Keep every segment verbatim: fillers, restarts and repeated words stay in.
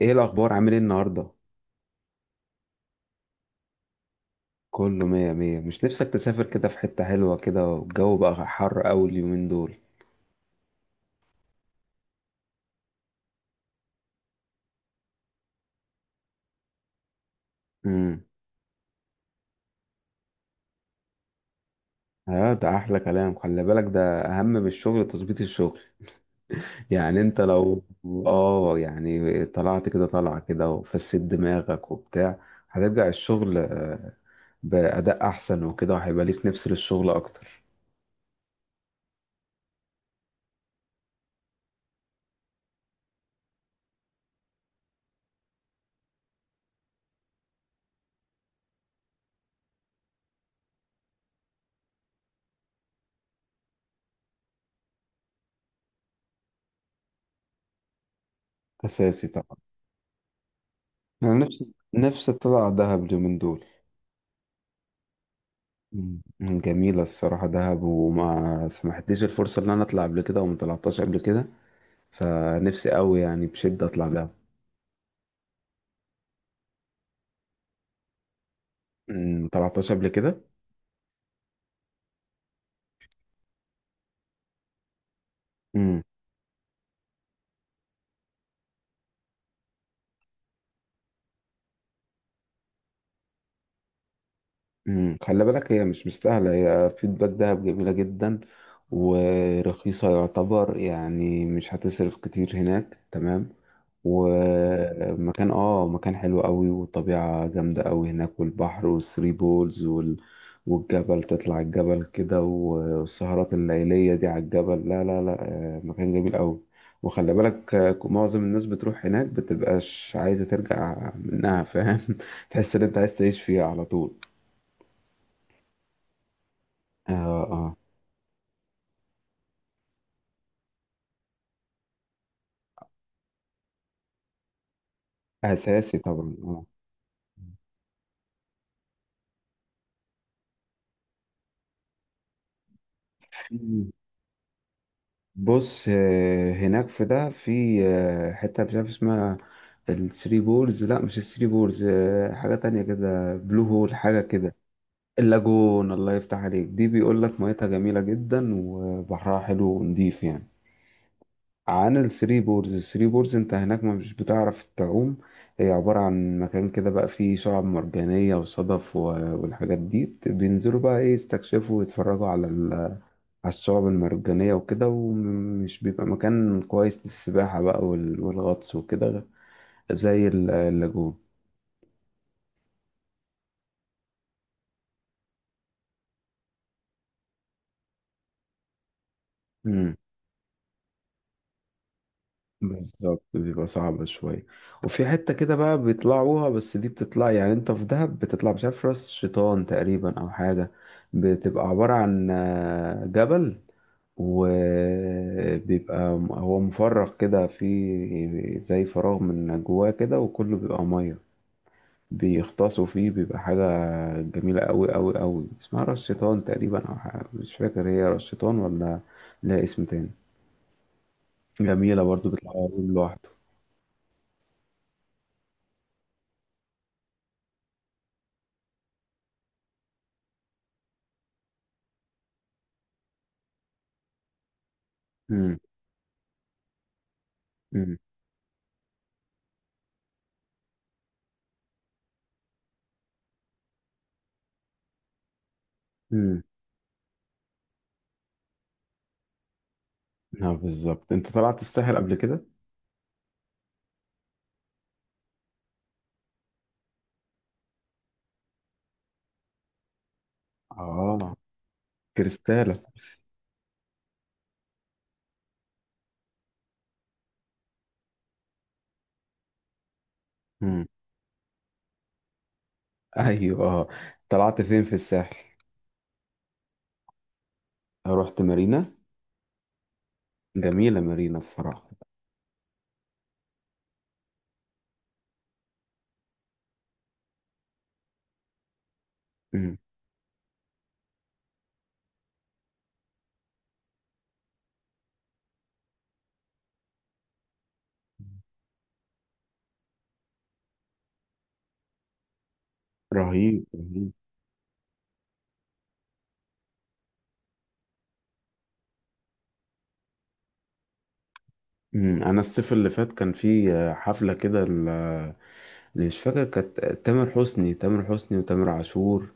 ايه الاخبار؟ عامل ايه النهارده؟ كله مية مية. مش نفسك تسافر كده في حتة حلوة كده والجو بقى حر اوي اليومين دول؟ امم. اه، ده احلى كلام. خلي بالك ده اهم من الشغل تظبيط الشغل. يعني انت لو. اه، يعني طلعت كده طلعة كده وفسد دماغك وبتاع. هترجع الشغل آه، بأداء احسن وكده وهيبقى ليك نفس للشغل اكتر. اساسي طبعا. انا نفسي نفسي اطلع دهب اليومين دول. مم. جميلة الصراحة دهب، وما سمحتليش الفرصة إن أنا أطلع قبل كده وما طلعتهاش قبل كده. فنفسي أوي يعني بشدة أطلع دهب. مم، ما طلعتهاش قبل كده. مم. خلي بالك، هي مش مستاهلة. هي فيدباك دهب جميلة جدا ورخيصة يعتبر، يعني مش هتصرف كتير هناك، تمام. ومكان اه مكان حلو قوي، والطبيعة جامدة قوي هناك، والبحر والثري بولز وال... والجبل، تطلع الجبل كده، والسهرات الليلية دي على الجبل، لا لا لا. آه، مكان جميل قوي. وخلي بالك، آه، معظم الناس بتروح هناك بتبقاش عايزة ترجع منها، فاهم؟ تحس ان انت عايز تعيش فيها على طول. اه، اه. اساسي طبعا، اه. في بص، آه، هناك في ده في آه، حته مش عارف اسمها. الثري بولز، لا، مش الثري بولز، آه، حاجه تانية كده، بلو هول، حاجه كده. اللاجون، الله يفتح عليك، دي بيقول لك ميتها جميله جدا وبحرها حلو ونضيف يعني. عن الثري بولز، الثري بولز انت هناك ما مش بتعرف تعوم. هي عباره عن مكان كده بقى فيه شعاب مرجانيه وصدف و- والحاجات دي بت- بينزلوا بقى ايه، يستكشفوا ويتفرجوا على على الشعب المرجانية وكده، ومش بيبقى مكان كويس للسباحة بقى وال- والغطس وكده، زي ال- اللاجون. مم. بالظبط، بيبقى صعب شوية. وفي حتة كده بقى بيطلعوها، بس دي بتطلع، يعني انت في دهب بتطلع، مش عارف، راس شيطان تقريبا او حاجة. بتبقى عبارة عن آه، جبل. وبيبقى م- هو مفرغ كده، في زي فراغ من جواه كده وكله بيبقى مية، بيغطسوا فيه. بيبقى حاجة جميلة أوي أوي أوي، اسمها راس شيطان تقريبا أو حاجة. مش فاكر هي راس شيطان ولا لها اسم تاني. جميلة برضو، بيطلع يوم لوحده. مم. مم. مم. اه، بالظبط. انت طلعت الساحل قبل كده؟ اه، كريستالة. مم. ايوه، اه. طلعت فين في الساحل؟ رحت مارينا. جميلة مارينا الصراحة. مم. رهيب رهيب. مم. انا الصيف اللي فات كان في حفلة كده، مش فاكر، كانت تامر حسني تامر حسني وتامر عاشور.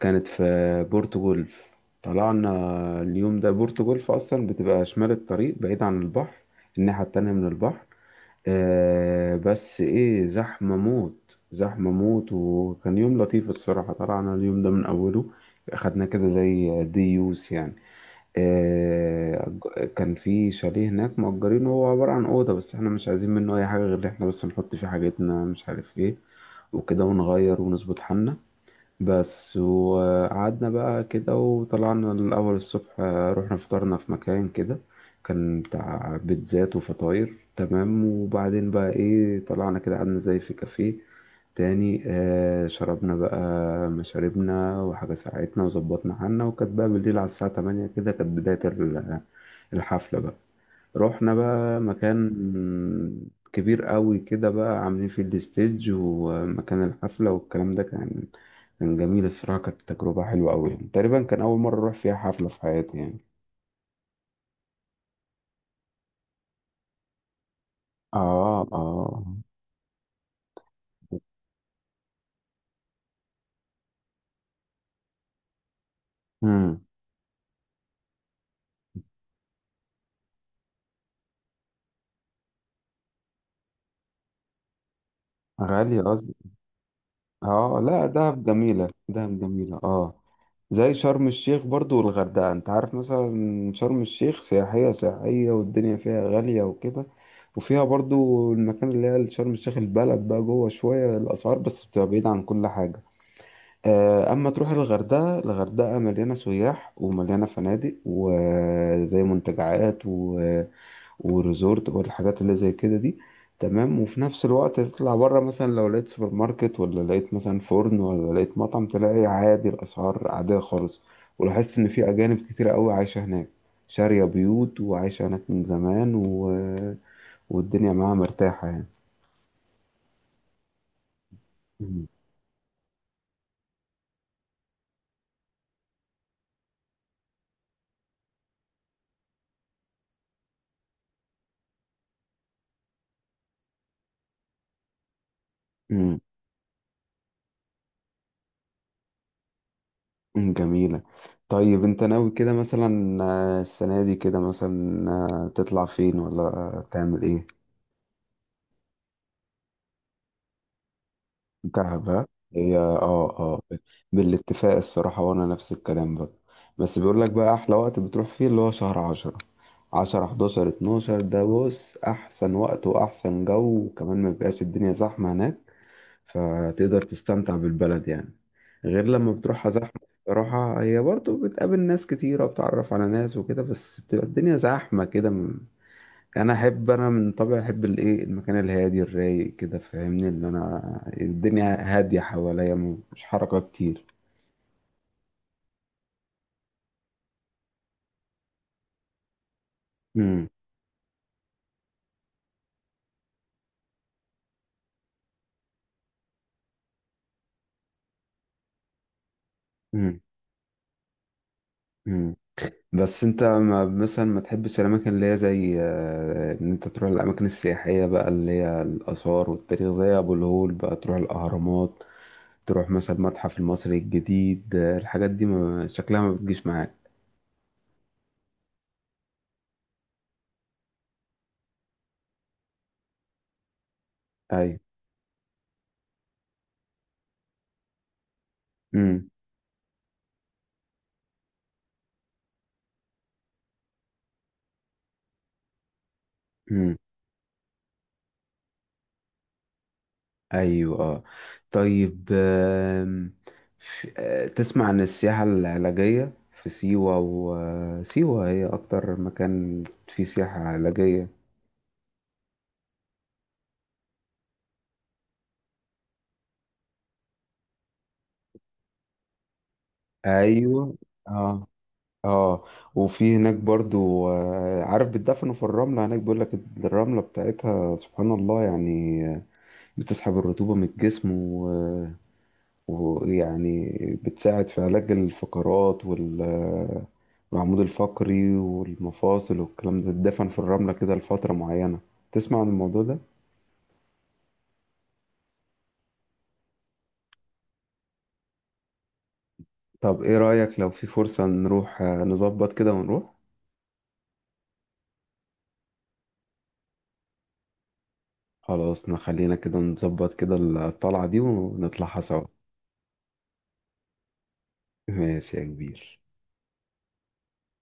كانت في بورتو جولف. طلعنا اليوم ده. بورتو جولف اصلا بتبقى شمال الطريق، بعيد عن البحر، الناحية التانية من البحر. آه، بس ايه، زحمة موت زحمة موت، وكان يوم لطيف الصراحة. طلعنا اليوم ده من اوله، خدنا كده زي ديوس يعني. آه، كان في شاليه هناك مأجرينه، هو عبارة عن أوضة، بس احنا مش عايزين منه أي حاجة غير إن احنا بس نحط فيه حاجتنا، مش عارف ايه، وكده، ونغير ونظبط حالنا بس. وقعدنا بقى كده، وطلعنا الأول الصبح، آه، رحنا فطرنا في مكان كده كان بتاع بيتزات وفطاير، تمام. وبعدين بقى ايه، طلعنا كده، قعدنا زي في كافيه تاني، آه شربنا بقى مشاربنا وحاجة ساعتنا وظبطنا حالنا، وكانت بقى بالليل على الساعة تمانية كده كانت بداية ال- الحفلة بقى. رحنا بقى مكان كبير قوي كده بقى عاملين فيه الستيج ومكان الحفلة والكلام ده، كان. كان جميل الصراحة، كانت تجربة حلوة قوي، يعني تقريبا كان أول مرة أروح فيها حفلة في حياتي يعني. اه، اه. امم. غالية قصدي. اه، لا، دهب جميلة دهب جميلة، اه. زي شرم الشيخ برضو والغردقة. انت عارف مثلا شرم الشيخ سياحية سياحية، والدنيا فيها غالية وكده، وفيها برضو المكان اللي هي شرم الشيخ البلد بقى جوه شوية، الأسعار بس بتبقى بعيدة عن كل حاجة. آه، أما تروح الغردقة، الغردقة مليانة سياح ومليانة فنادق، وزي منتجعات وريزورت برضه، الحاجات اللي زي كده دي، تمام. وفي نفس الوقت تطلع بره، مثلا لو لقيت سوبر ماركت، ولا لقيت مثلا فرن، ولا لقيت مطعم، تلاقي عادي، الأسعار عادية خالص. ولاحظت إن في أجانب كتير قوي عايشة هناك، شارية بيوت وعايشة هناك من زمان و... والدنيا معاها مرتاحة يعني. مم. مم. مم. جميلة. طيب، انت ناوي كده مثلا آه، السنة دي كده، مثلا آه، تطلع فين ولا تعمل ايه؟ كعبة. هي، اه، اه. بالاتفاق الصراحة، وانا نفس الكلام برضه. بس بيقول لك بقى احلى وقت بتروح فيه اللي هو شهر عشرة، عشرة، حداشر، اتناشر، ده بص احسن وقت واحسن جو، وكمان ما بيبقاش الدنيا زحمة هناك، فتقدر تستمتع بالبلد يعني، غير لما بتروحها زحمة. الصراحة، هي برضه بتقابل ناس كتيرة وبتعرف على ناس وكده، بس بتبقى الدنيا زحمة كده، يعني. انا احب انا من طبعي احب الايه، المكان الهادي الرايق كده، فاهمني، اللي انا الدنيا هاديه حواليا، م- مش حركه كتير. امم. امم. امم. بس انت ما مثلا ما تحبش الاماكن اللي هي زي، آه، ان انت تروح الاماكن السياحيه بقى، اللي هي الاثار والتاريخ، زي ابو الهول بقى، تروح الاهرامات، تروح مثلا المتحف المصري الجديد، آه، الحاجات دي ما شكلها ما بتجيش معاك. ايوه. امم. ايوه، آه. طيب، آم، ف- آه، تسمع عن السياحة العلاجية في سيوة؟ وسيوة هي اكتر مكان فيه سياحة علاجية. ايوه. اه. اه. وفي هناك برضو، آه، عارف، بتدفنوا في الرملة هناك بيقول لك، الرملة بتاعتها سبحان الله يعني، بتسحب الرطوبة من الجسم، ويعني بتساعد في علاج الفقرات وال والعمود الفقري والمفاصل والكلام ده، تدفن في الرملة كده لفترة معينة. تسمع عن الموضوع ده؟ طب ايه رأيك لو في فرصة نروح، آه، نظبط كده ونروح؟ خلاص، نخلينا كده نظبط كده الطلعة دي ونطلعها سوا. ماشي يا كبير.